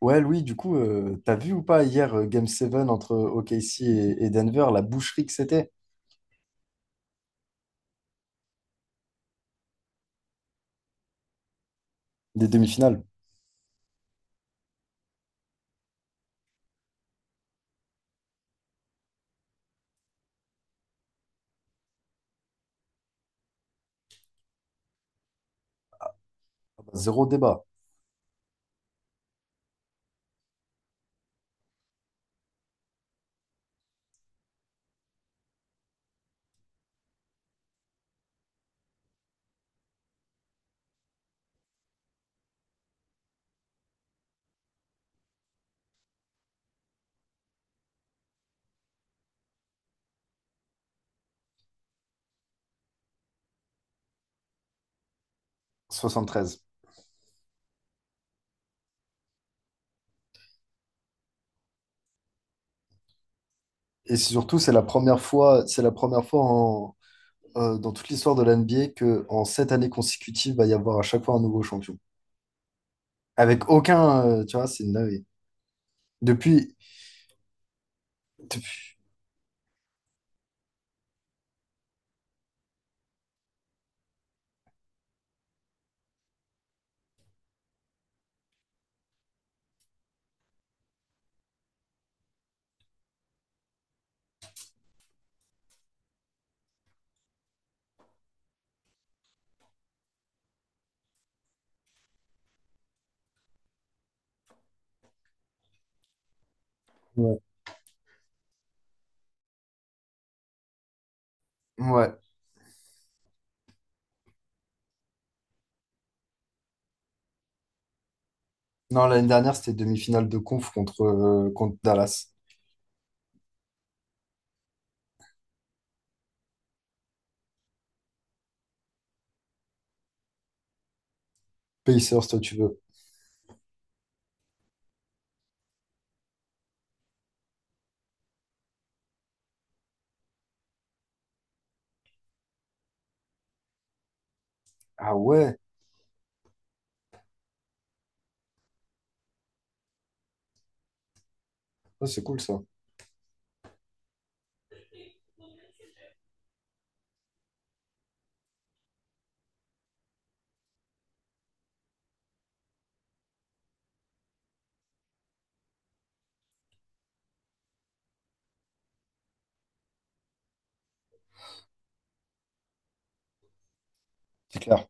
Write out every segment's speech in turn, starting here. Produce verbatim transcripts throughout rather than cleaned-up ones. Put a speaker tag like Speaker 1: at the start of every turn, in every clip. Speaker 1: Ouais, Louis, du coup, euh, t'as vu ou pas hier euh, Game sept entre O K C et, et Denver, la boucherie que c'était des demi-finales? Ah bah, zéro débat, soixante-treize. Et surtout, c'est la première fois, c'est la première fois en- euh, dans toute l'histoire de l'N B A que en sept années consécutives, va y avoir à chaque fois un nouveau champion. Avec aucun, euh, tu vois, c'est une dinguerie. Depuis, depuis- ouais. Ouais. Non, l'année dernière, c'était demi-finale de conf contre, euh, contre Dallas. Pacers, toi, tu veux. Ah ouais, ouais, c'est cool ça. C'est clair.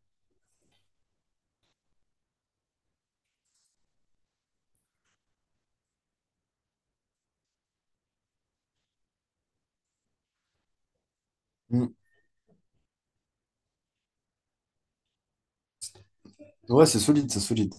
Speaker 1: Mm. Ouais, c'est solide, c'est solide.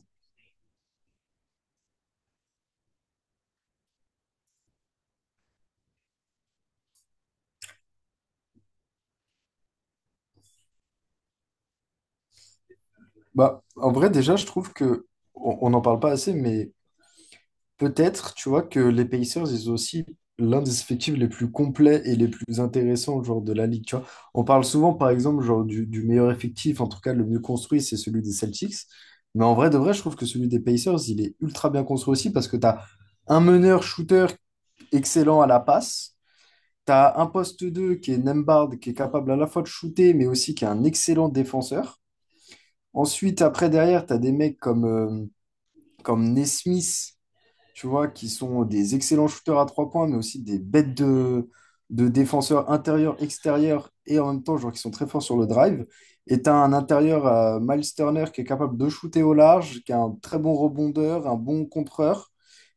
Speaker 1: Bah, en vrai, déjà, je trouve que on n'en parle pas assez, mais peut-être, tu vois, que les Pacers, ils ont aussi l'un des effectifs les plus complets et les plus intéressants, genre, de la ligue, tu vois. On parle souvent, par exemple, genre, du, du meilleur effectif, en tout cas, le mieux construit, c'est celui des Celtics. Mais en vrai, de vrai, je trouve que celui des Pacers, il est ultra bien construit aussi parce que tu as un meneur-shooter excellent à la passe. Tu as un poste deux qui est Nembhard, qui est capable à la fois de shooter, mais aussi qui est un excellent défenseur. Ensuite, après, derrière, tu as des mecs comme euh, comme Nesmith, tu vois, qui sont des excellents shooters à trois points, mais aussi des bêtes de, de défenseurs intérieurs, extérieurs, et en même temps, genre, qui sont très forts sur le drive. Et tu as un intérieur, euh, Miles Turner, qui est capable de shooter au large, qui a un très bon rebondeur, un bon contreur.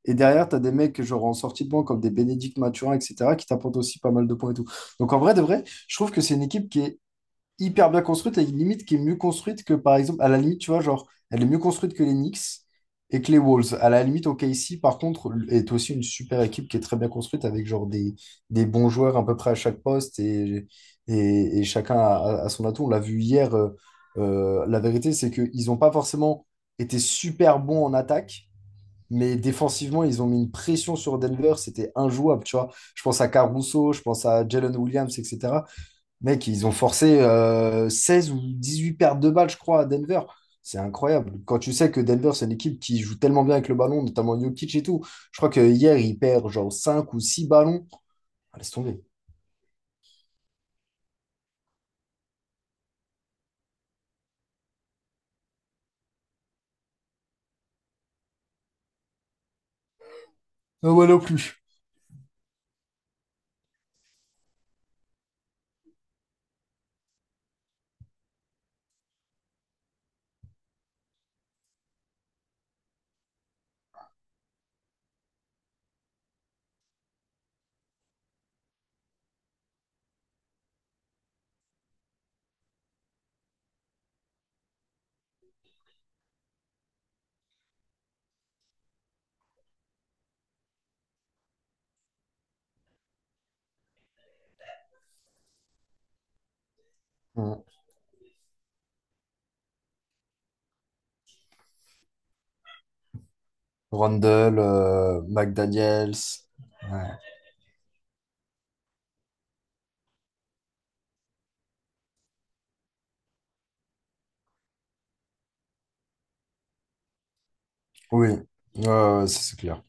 Speaker 1: Et derrière, tu as des mecs, genre, en sortie de banc, comme des Bénédicte Mathurin, et cetera, qui t'apportent aussi pas mal de points et tout. Donc, en vrai, de vrai, je trouve que c'est une équipe qui est hyper bien construite et une limite qui est mieux construite que, par exemple, à la limite, tu vois, genre, elle est mieux construite que les Knicks et que les Wolves. À la limite, O K C, par contre, est aussi une super équipe qui est très bien construite avec, genre, des, des bons joueurs à peu près à chaque poste et, et, et chacun a, a son atout. On l'a vu hier, euh, euh, la vérité, c'est qu'ils n'ont pas forcément été super bons en attaque. Mais défensivement, ils ont mis une pression sur Denver, c'était injouable, tu vois. Je pense à Caruso, je pense à Jalen Williams, et cetera. Mec, ils ont forcé euh, seize ou huit pertes de balles, je crois, à Denver. C'est incroyable. Quand tu sais que Denver, c'est une équipe qui joue tellement bien avec le ballon, notamment Jokic et tout. Je crois que hier, il perd genre cinq ou six ballons. Ah, laisse tomber. Ah ouais, non plus. Ouais. Randle, euh, McDaniels. Ouais. Oui, ouais, ouais, ça, c'est clair.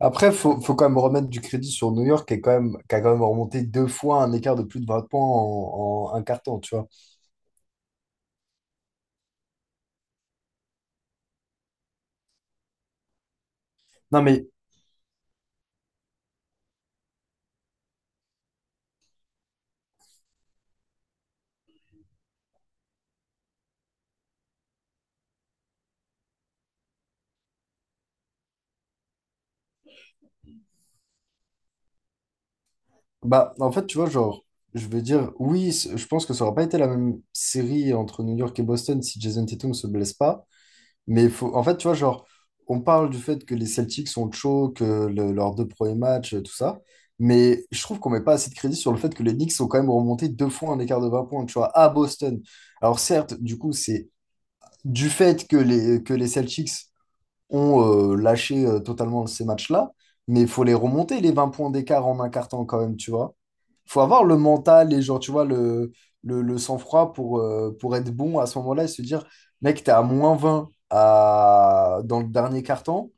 Speaker 1: Après, faut, faut quand même remettre du crédit sur New York qui, est quand même, qui a quand même remonté deux fois un écart de plus de vingt points en, en un carton, tu vois. Non, mais bah, en fait, tu vois, genre, je veux dire, oui, c- je pense que ça aurait pas été la même série entre New York et Boston si Jason Tatum se blesse pas. Mais il faut, en fait, tu vois, genre, on parle du fait que les Celtics sont chauds, que le- leurs deux premiers matchs, euh, tout ça. Mais je trouve qu'on met pas assez de crédit sur le fait que les Knicks sont quand même remontés deux fois un écart de vingt points, tu vois, à Boston. Alors, certes, du coup, c'est du fait que les, que les Celtics ont euh, lâché euh, totalement ces matchs-là, mais il faut les remonter, les vingt points d'écart en un quart temps quand même, tu vois faut avoir le mental et genre, tu vois, le, le, le sang-froid pour, euh, pour être bon à ce moment-là et se dire, mec, t'es à moins vingt à... dans le dernier carton.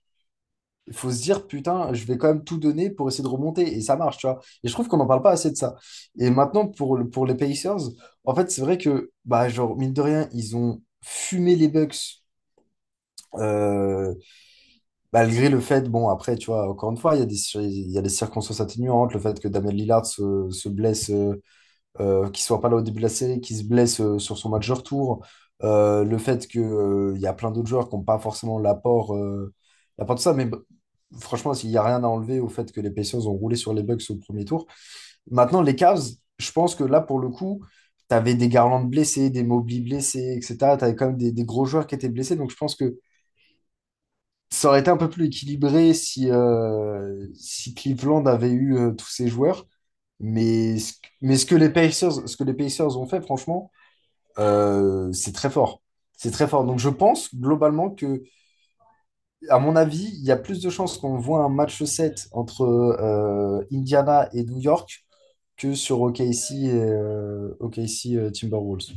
Speaker 1: Il faut se dire, putain, je vais quand même tout donner pour essayer de remonter. Et ça marche, tu vois. Et je trouve qu'on n'en parle pas assez de ça. Et maintenant, pour, le- pour les Pacers, en fait, c'est vrai que, bah, genre, mine de rien, ils ont fumé les Bucks. euh, Malgré le fait, bon, après, tu vois, encore une fois, il y a des, cir- il y a des circonstances atténuantes, le fait que Damien Lillard se, se blesse. Euh, euh, qu'il soit pas là au début de la série, qu'il se blesse euh, sur son match de retour, euh, le fait que, euh, il y a plein d'autres joueurs qui n'ont pas forcément l'apport euh, l'apport de ça, mais bah, franchement, il n'y a rien à enlever au fait que les Pacers ont roulé sur les Bucks au premier tour. Maintenant, les Cavs, je pense que là, pour le coup, tu avais des Garland blessés, des Mobley blessés, et cetera. Tu avais quand même des, des gros joueurs qui étaient blessés, donc je pense que ça aurait été un peu plus équilibré si, euh, si Cleveland avait eu euh, tous ces joueurs. Mais ce, mais ce que les Pacers, ce que les Pacers ont fait, franchement, euh, c'est très fort. C'est très fort. Donc je pense globalement que, à mon avis, il y a plus de chances qu'on voit un match sept entre euh, Indiana et New York que sur O K C et euh, O K C, euh, Timberwolves.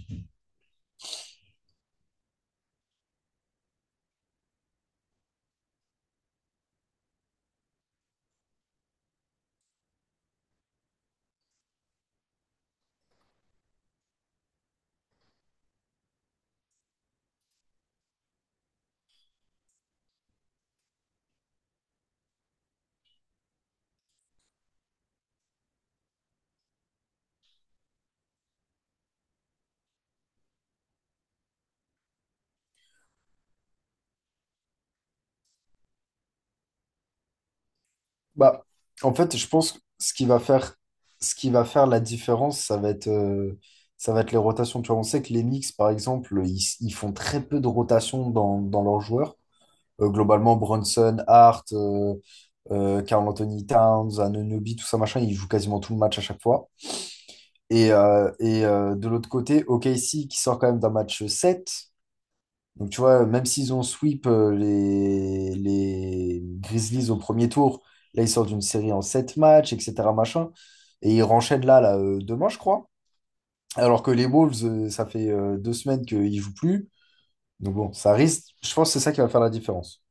Speaker 1: Bah, en fait, je pense que ce qui va faire, ce qui va faire la différence, ça va être, euh, ça va être les rotations. Tu vois, on sait que les Knicks, par exemple, ils, ils font très peu de rotations dans, dans leurs joueurs. Euh, globalement, Brunson, Hart, euh, euh, Karl Anthony Towns, Anunoby, tout ça, machin, ils jouent quasiment tout le match à chaque fois. Et, euh, et euh, de l'autre côté, O K C qui sort quand même d'un match sept. Donc tu vois, même s'ils ont sweep euh, les, les Grizzlies au premier tour, là ils sortent d'une série en sept matchs, et cetera. Machin, et ils renchaînent là, là euh, demain, je crois. Alors que les Wolves, euh, ça fait euh, deux semaines qu'ils jouent plus. Donc bon, ça risque, je pense que c'est ça qui va faire la différence.